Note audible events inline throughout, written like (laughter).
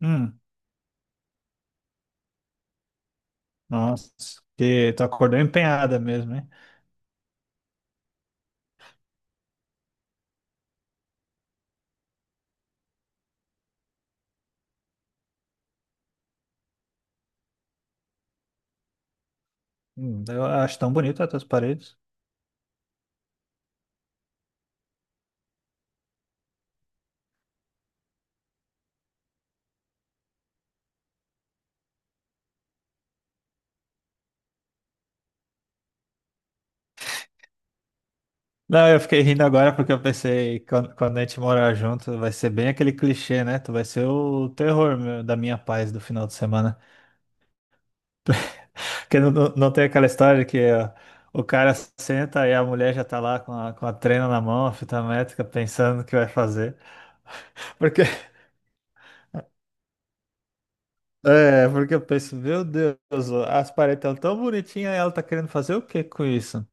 Hum, nossa, que tu acordou empenhada mesmo, hein? Eu acho tão bonito as tuas paredes. Não, eu fiquei rindo agora porque eu pensei, quando a gente morar junto, vai ser bem aquele clichê, né? Tu vai ser o terror da minha paz do final de semana. Porque não tem aquela história que ó, o cara senta e a mulher já tá lá com a trena na mão, a fita métrica, pensando o que vai fazer. Porque, (laughs) É, porque eu penso, meu Deus, as paredes estão tão bonitinhas e ela tá querendo fazer o que com isso?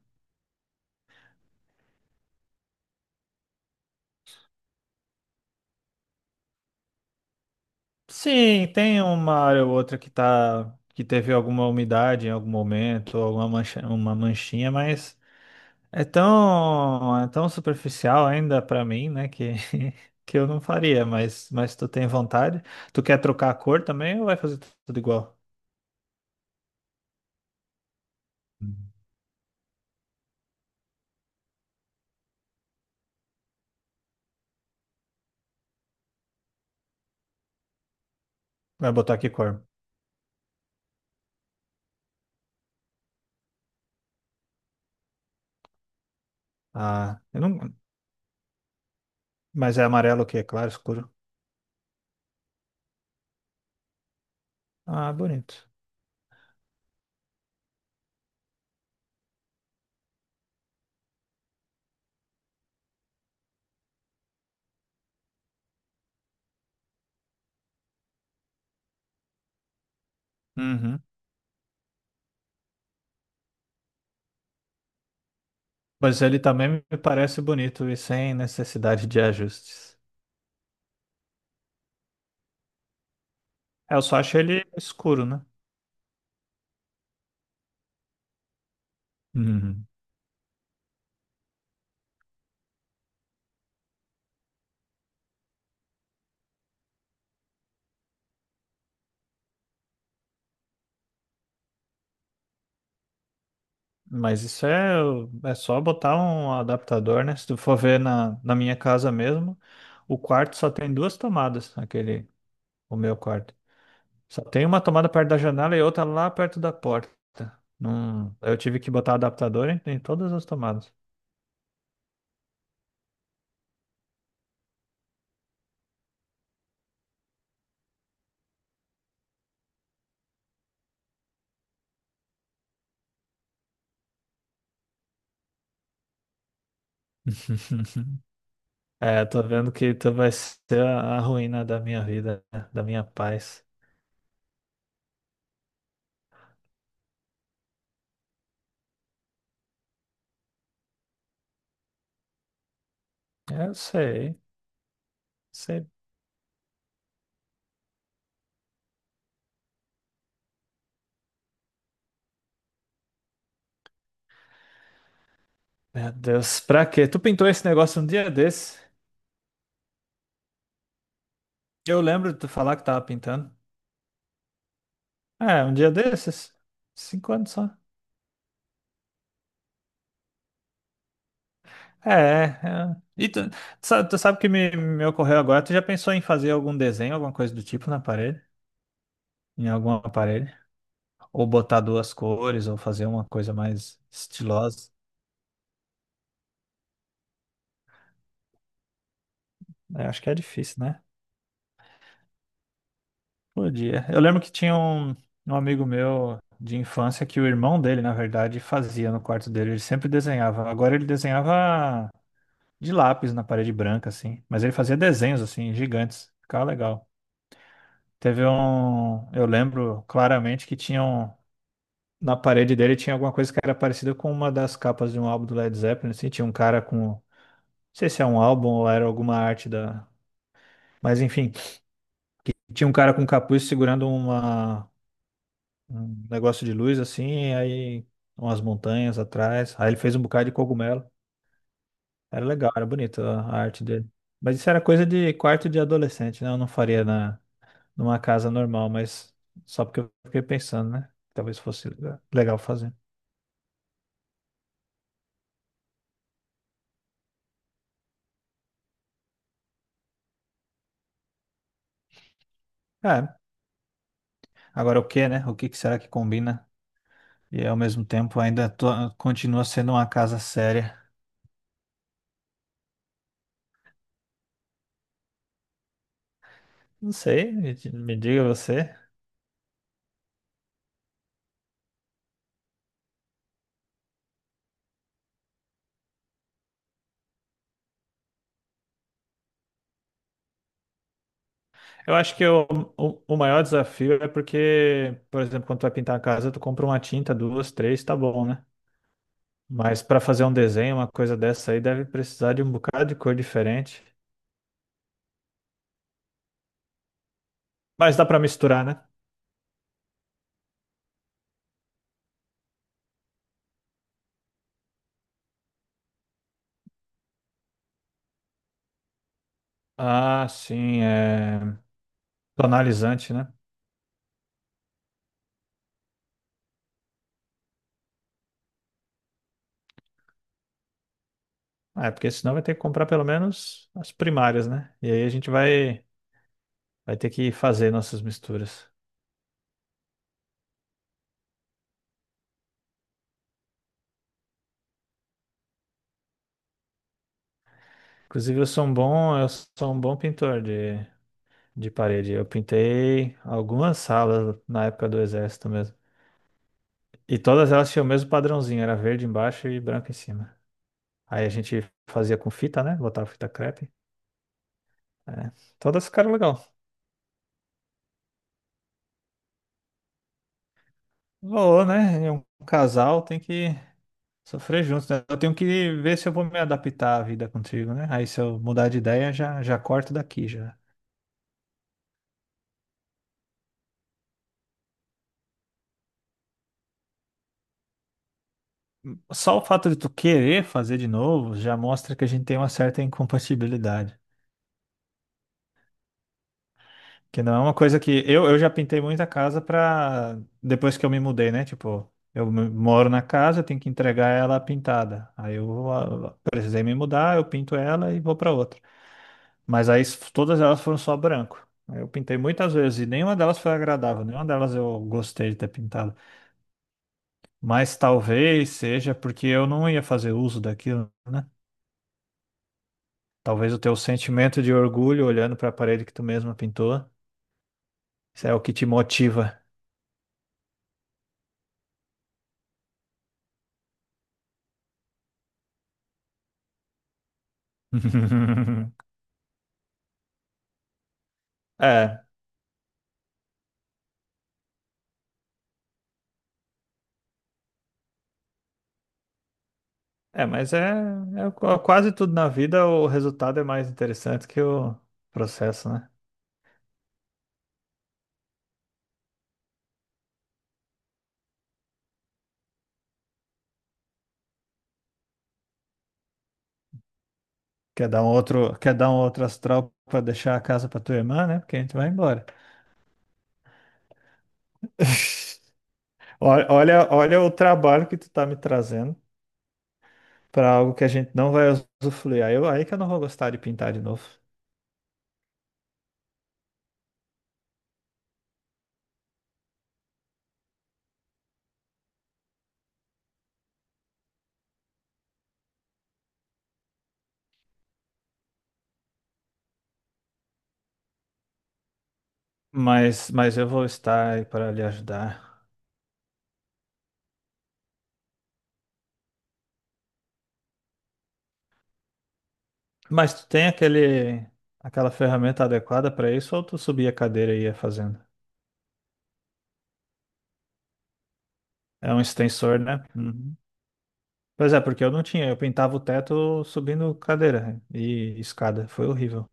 Sim, tem uma área ou outra que teve alguma umidade em algum momento, alguma mancha, uma manchinha, mas é tão superficial ainda pra mim, né, que (laughs) que eu não faria, mas tu tem vontade? Tu quer trocar a cor também ou vai fazer tudo igual? Vai botar que cor? Ah, eu não, mas é amarelo o quê? Claro, escuro. Ah, bonito. Uhum. Mas ele também me parece bonito e sem necessidade de ajustes. É, eu só acho ele escuro, né? Uhum. Mas isso é só botar um adaptador, né? Se tu for ver na minha casa mesmo, o quarto só tem duas tomadas, aquele, o meu quarto. Só tem uma tomada perto da janela e outra lá perto da porta. Não, eu tive que botar adaptador em todas as tomadas. (laughs) É, tô vendo que tu vai ser a ruína da minha vida, da minha paz. É, eu sei, sei. Meu Deus, pra quê? Tu pintou esse negócio um dia desse? Eu lembro de tu falar que tava pintando. É, um dia desses? Cinco anos só. É, é. É. E tu sabe, o que me ocorreu agora? Tu já pensou em fazer algum desenho, alguma coisa do tipo na parede? Em algum aparelho? Ou botar duas cores, ou fazer uma coisa mais estilosa? É, acho que é difícil, né? Podia. Eu lembro que tinha um amigo meu de infância que o irmão dele, na verdade, fazia no quarto dele. Ele sempre desenhava. Agora ele desenhava de lápis na parede branca, assim. Mas ele fazia desenhos, assim, gigantes. Ficava legal. Teve um. Eu lembro claramente que tinham. Na parede dele tinha alguma coisa que era parecida com uma das capas de um álbum do Led Zeppelin, assim. Tinha um cara com. Não sei se é um álbum ou era alguma arte da. Mas enfim, tinha um cara com um capuz segurando uma... um negócio de luz, assim, aí umas montanhas atrás. Aí ele fez um bocado de cogumelo. Era legal, era bonito a arte dele. Mas isso era coisa de quarto de adolescente, né? Eu não faria na. Numa casa normal, mas só porque eu fiquei pensando, né? Talvez fosse legal fazer. É, agora o que, né? O que que será que combina? E ao mesmo tempo ainda continua sendo uma casa séria. Não sei, me diga você. Eu acho que o maior desafio é porque, por exemplo, quando tu vai pintar a casa, tu compra uma tinta, duas, três, tá bom, né? Mas para fazer um desenho, uma coisa dessa aí, deve precisar de um bocado de cor diferente. Mas dá para misturar, né? Ah, sim, é tonalizante, né? Ah, é, porque senão vai ter que comprar pelo menos as primárias, né? E aí a gente vai, vai ter que fazer nossas misturas. Inclusive, eu sou um bom pintor de parede. Eu pintei algumas salas na época do exército mesmo. E todas elas tinham o mesmo padrãozinho, era verde embaixo e branco em cima. Aí a gente fazia com fita, né? Botava fita crepe. É, todas ficaram legal. Valor, né? E um casal tem que sofrer juntos, né? Eu tenho que ver se eu vou me adaptar à vida contigo, né? Aí se eu mudar de ideia, já, já corto daqui, já. Só o fato de tu querer fazer de novo já mostra que a gente tem uma certa incompatibilidade. Que não é uma coisa que... Eu já pintei muita casa pra... Depois que eu me mudei, né? Tipo, eu moro na casa, eu tenho que entregar ela pintada. Aí eu precisei me mudar, eu pinto ela e vou pra outra. Mas aí todas elas foram só branco. Eu pintei muitas vezes e nenhuma delas foi agradável, nenhuma delas eu gostei de ter pintado. Mas talvez seja porque eu não ia fazer uso daquilo, né? Talvez o teu sentimento de orgulho olhando para a parede que tu mesma pintou, isso é o que te motiva. (laughs) É, é, mas quase tudo na vida o resultado é mais interessante que o processo, né? Quer dar um outro astral para deixar a casa para tua irmã, né? Porque a gente vai embora. (laughs) Olha, olha olha o trabalho que tu tá me trazendo para algo que a gente não vai usufruir. Aí, que eu não vou gostar de pintar de novo. Mas eu vou estar aí para lhe ajudar. Mas tu tem aquela ferramenta adequada para isso ou tu subia a cadeira e ia fazendo? É um extensor, né? Uhum. Pois é, porque eu não tinha. Eu pintava o teto subindo cadeira e escada. Foi horrível.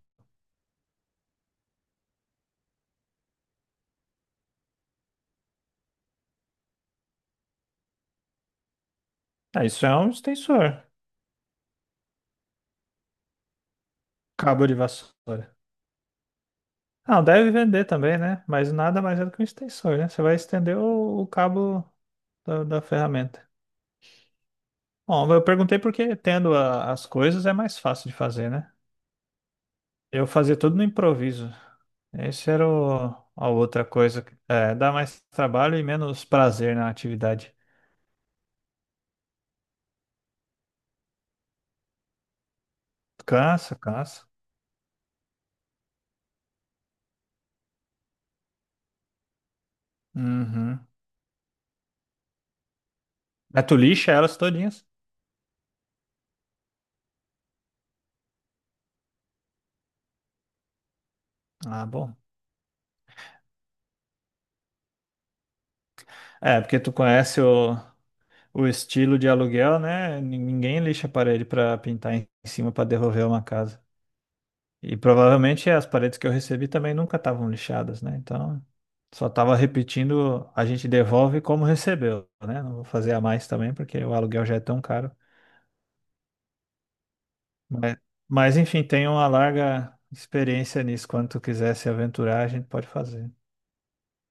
Ah, isso é um extensor. Cabo de vassoura. Ah, deve vender também, né? Mas nada mais é do que um extensor, né? Você vai estender o cabo da ferramenta. Bom, eu perguntei porque tendo as coisas é mais fácil de fazer, né? Eu fazia tudo no improviso. Esse era a outra coisa. É, dá mais trabalho e menos prazer na atividade. Cansa, cansa. Uhum. Mas tu lixa elas todinhas? Ah, bom. É, porque tu conhece o estilo de aluguel, né? Ninguém lixa a parede pra pintar em cima pra devolver uma casa. E provavelmente as paredes que eu recebi também nunca estavam lixadas, né? Então, só tava repetindo, a gente devolve como recebeu, né? Não vou fazer a mais também, porque o aluguel já é tão caro. Mas, mas enfim, tem uma larga experiência nisso. Quando tu quiser se aventurar, a gente pode fazer.